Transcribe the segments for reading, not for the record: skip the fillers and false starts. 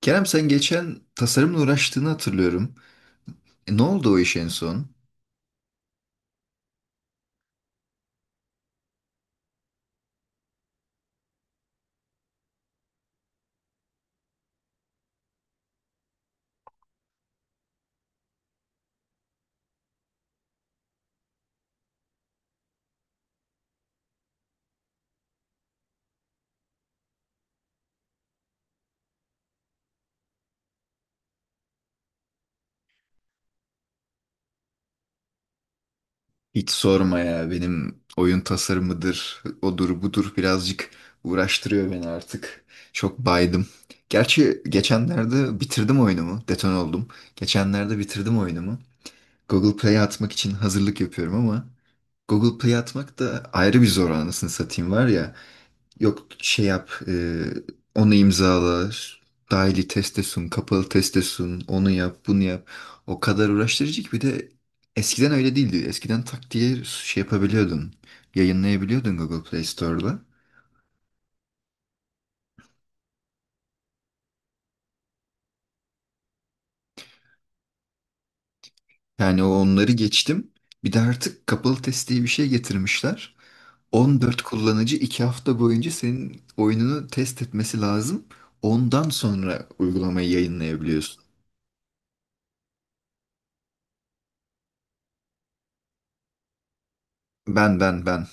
Kerem sen geçen tasarımla uğraştığını hatırlıyorum. Ne oldu o iş en son? Hiç sorma ya, benim oyun tasarımıdır, odur budur birazcık uğraştırıyor beni artık. Çok baydım. Gerçi geçenlerde bitirdim oyunumu, deton oldum. Geçenlerde bitirdim oyunumu. Google Play'e atmak için hazırlık yapıyorum ama Google Play'e atmak da ayrı bir zor, anasını satayım var ya. Yok şey yap, onu imzala, dahili teste sun, kapalı teste sun, onu yap, bunu yap. O kadar uğraştırıcı ki, bir de eskiden öyle değildi. Eskiden tak diye şey yapabiliyordun, yayınlayabiliyordun Google Play Store'da. Yani o onları geçtim. Bir de artık kapalı test diye bir şey getirmişler. 14 kullanıcı 2 hafta boyunca senin oyununu test etmesi lazım. Ondan sonra uygulamayı yayınlayabiliyorsun. Ben ben ben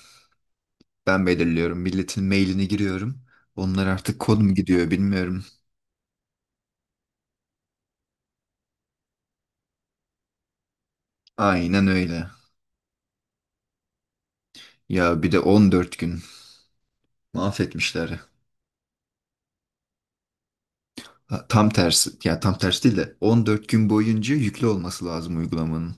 Ben belirliyorum. Milletin mailini giriyorum. Onlar artık kod mu gidiyor bilmiyorum. Aynen öyle. Ya bir de 14 gün mahvetmişler. Ha, tam tersi. Ya tam tersi değil de 14 gün boyunca yüklü olması lazım uygulamanın.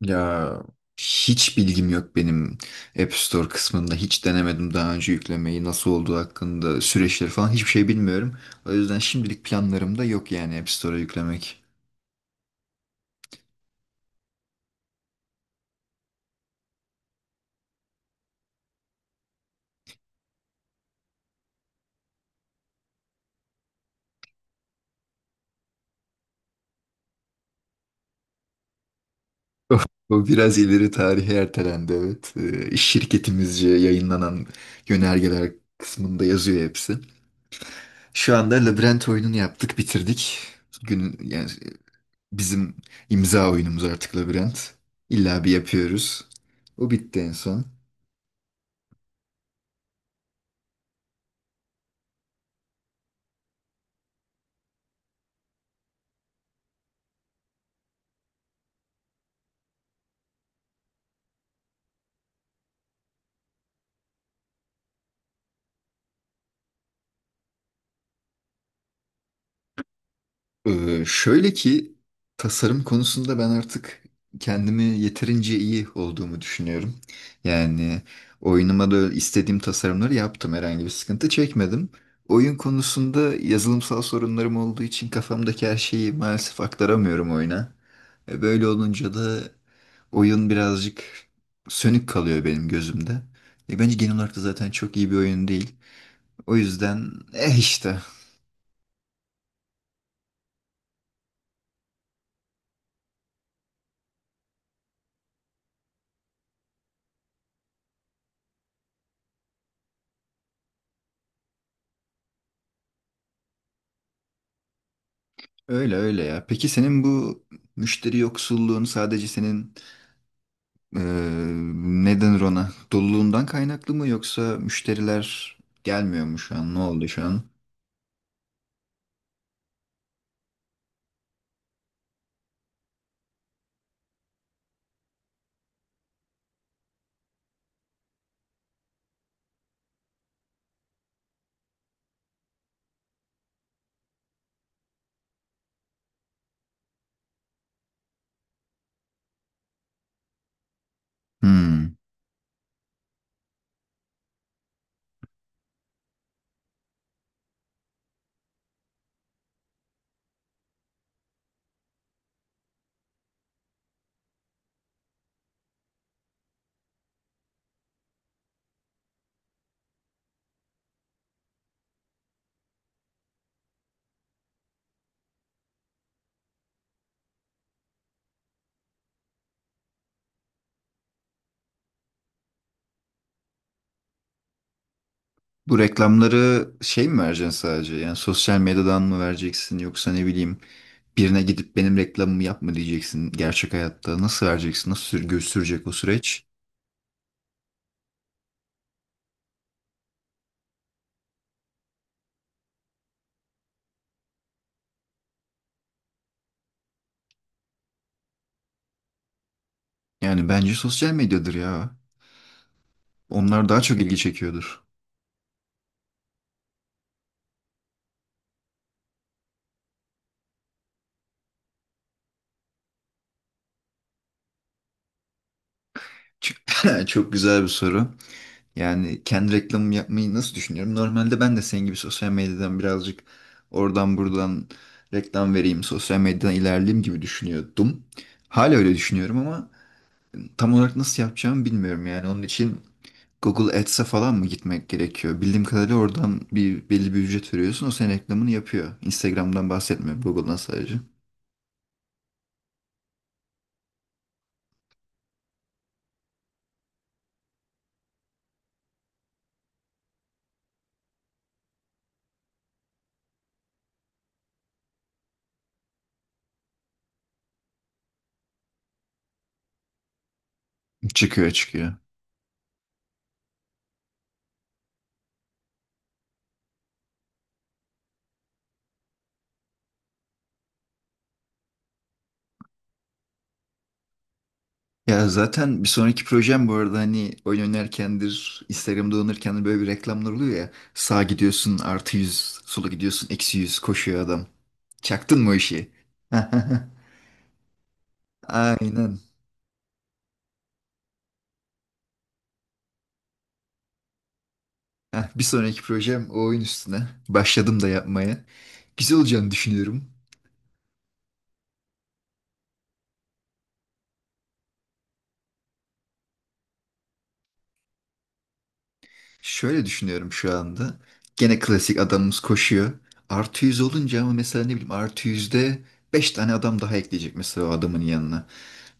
Ya, hiç bilgim yok benim App Store kısmında. Hiç denemedim daha önce yüklemeyi, nasıl olduğu hakkında, süreçleri falan hiçbir şey bilmiyorum. O yüzden şimdilik planlarım da yok yani App Store'a yüklemek. O o biraz ileri tarihe ertelendi evet. Şirketimizce yayınlanan yönergeler kısmında yazıyor hepsi. Şu anda Labirent oyununu yaptık, bitirdik. Yani bizim imza oyunumuz artık Labirent. İlla bir yapıyoruz. O bitti en son. Şöyle ki tasarım konusunda ben artık kendimi yeterince iyi olduğumu düşünüyorum. Yani oyunuma da istediğim tasarımları yaptım. Herhangi bir sıkıntı çekmedim. Oyun konusunda yazılımsal sorunlarım olduğu için kafamdaki her şeyi maalesef aktaramıyorum oyuna. Böyle olunca da oyun birazcık sönük kalıyor benim gözümde. Bence genel olarak da zaten çok iyi bir oyun değil. O yüzden eh işte. Öyle öyle ya. Peki senin bu müşteri yoksulluğun sadece senin eee ne denir ona? Doluluğundan kaynaklı mı yoksa müşteriler gelmiyor mu şu an? Ne oldu şu an? Hmm. Bu reklamları şey mi vereceksin sadece? Yani sosyal medyadan mı vereceksin, yoksa ne bileyim, birine gidip benim reklamımı yapma diyeceksin gerçek hayatta? Nasıl vereceksin? Nasıl sür gösterecek o süreç? Yani bence sosyal medyadır ya. Onlar daha çok ilgi çekiyordur. Çok çok güzel bir soru. Yani kendi reklamımı yapmayı nasıl düşünüyorum? Normalde ben de senin gibi sosyal medyadan birazcık oradan buradan reklam vereyim, sosyal medyadan ilerleyeyim gibi düşünüyordum. Hala öyle düşünüyorum ama tam olarak nasıl yapacağımı bilmiyorum yani. Onun için Google Ads'e falan mı gitmek gerekiyor? Bildiğim kadarıyla oradan bir belli bir ücret veriyorsun. O senin reklamını yapıyor. Instagram'dan bahsetmiyorum, Google'dan sadece. Çıkıyor çıkıyor. Ya zaten bir sonraki projem, bu arada hani oyun oynarkendir, Instagram'da oynarken böyle bir reklamlar oluyor ya. Sağa gidiyorsun artı 100, sola gidiyorsun eksi yüz, koşuyor adam. Çaktın mı o işi? Aynen. Heh, bir sonraki projem o oyun üstüne. Başladım da yapmaya. Güzel olacağını düşünüyorum. Şöyle düşünüyorum şu anda. Gene klasik adamımız koşuyor. Artı 100 olunca ama, mesela ne bileyim, artı yüzde 5 tane adam daha ekleyecek mesela o adamın yanına.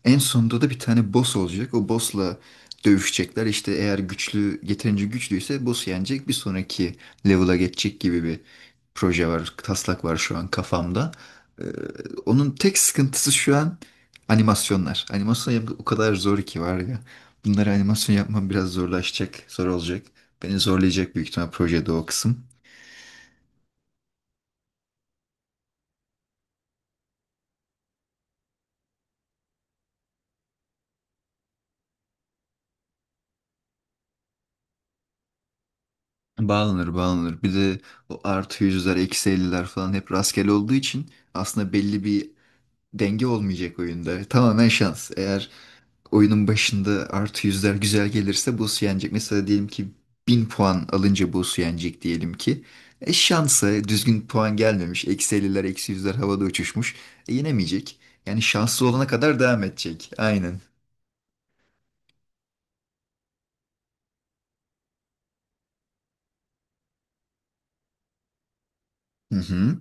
En sonunda da bir tane boss olacak. O boss'la dövüşecekler. İşte eğer güçlü, yeterince güçlüyse boss'u yenecek. Bir sonraki level'a geçecek gibi bir proje var. Taslak var şu an kafamda. Ee, Onun tek sıkıntısı şu an animasyonlar. Animasyon yapmak o kadar zor ki var ya. Bunları animasyon yapmam biraz zorlaşacak, zor olacak. Beni zorlayacak büyük ihtimal projede o kısım. Bağlanır bağlanır. Bir de o artı yüzler, eksi elliler falan hep rastgele olduğu için aslında belli bir denge olmayacak oyunda. Tamamen şans. Eğer oyunun başında artı yüzler güzel gelirse boss yenecek. Mesela diyelim ki 1000 puan alınca boss yenecek diyelim ki. E şansa düzgün puan gelmemiş. Eksi 50'ler, eksi yüzler havada uçuşmuş. E yenemeyecek. Yani şanslı olana kadar devam edecek. Aynen. Hı hı.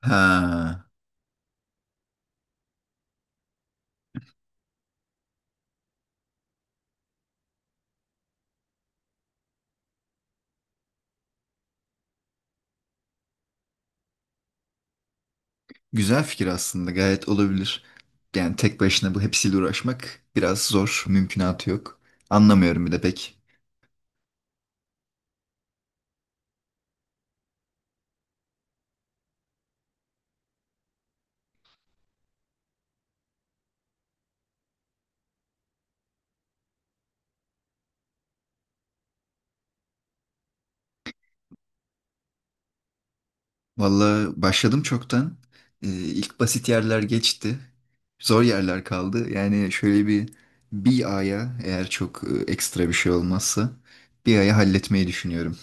Ha, güzel fikir aslında. Gayet olabilir. Yani tek başına bu hepsiyle uğraşmak biraz zor. Mümkünatı yok. Anlamıyorum bir de pek. Vallahi başladım çoktan. İlk basit yerler geçti. Zor yerler kaldı. Yani şöyle bir aya, eğer çok ekstra bir şey olmazsa, bir aya halletmeyi düşünüyorum.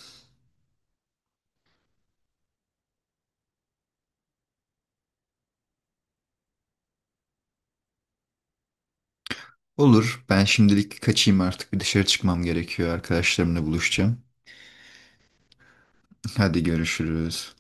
Olur. Ben şimdilik kaçayım artık. Bir dışarı çıkmam gerekiyor. Arkadaşlarımla buluşacağım. Hadi görüşürüz.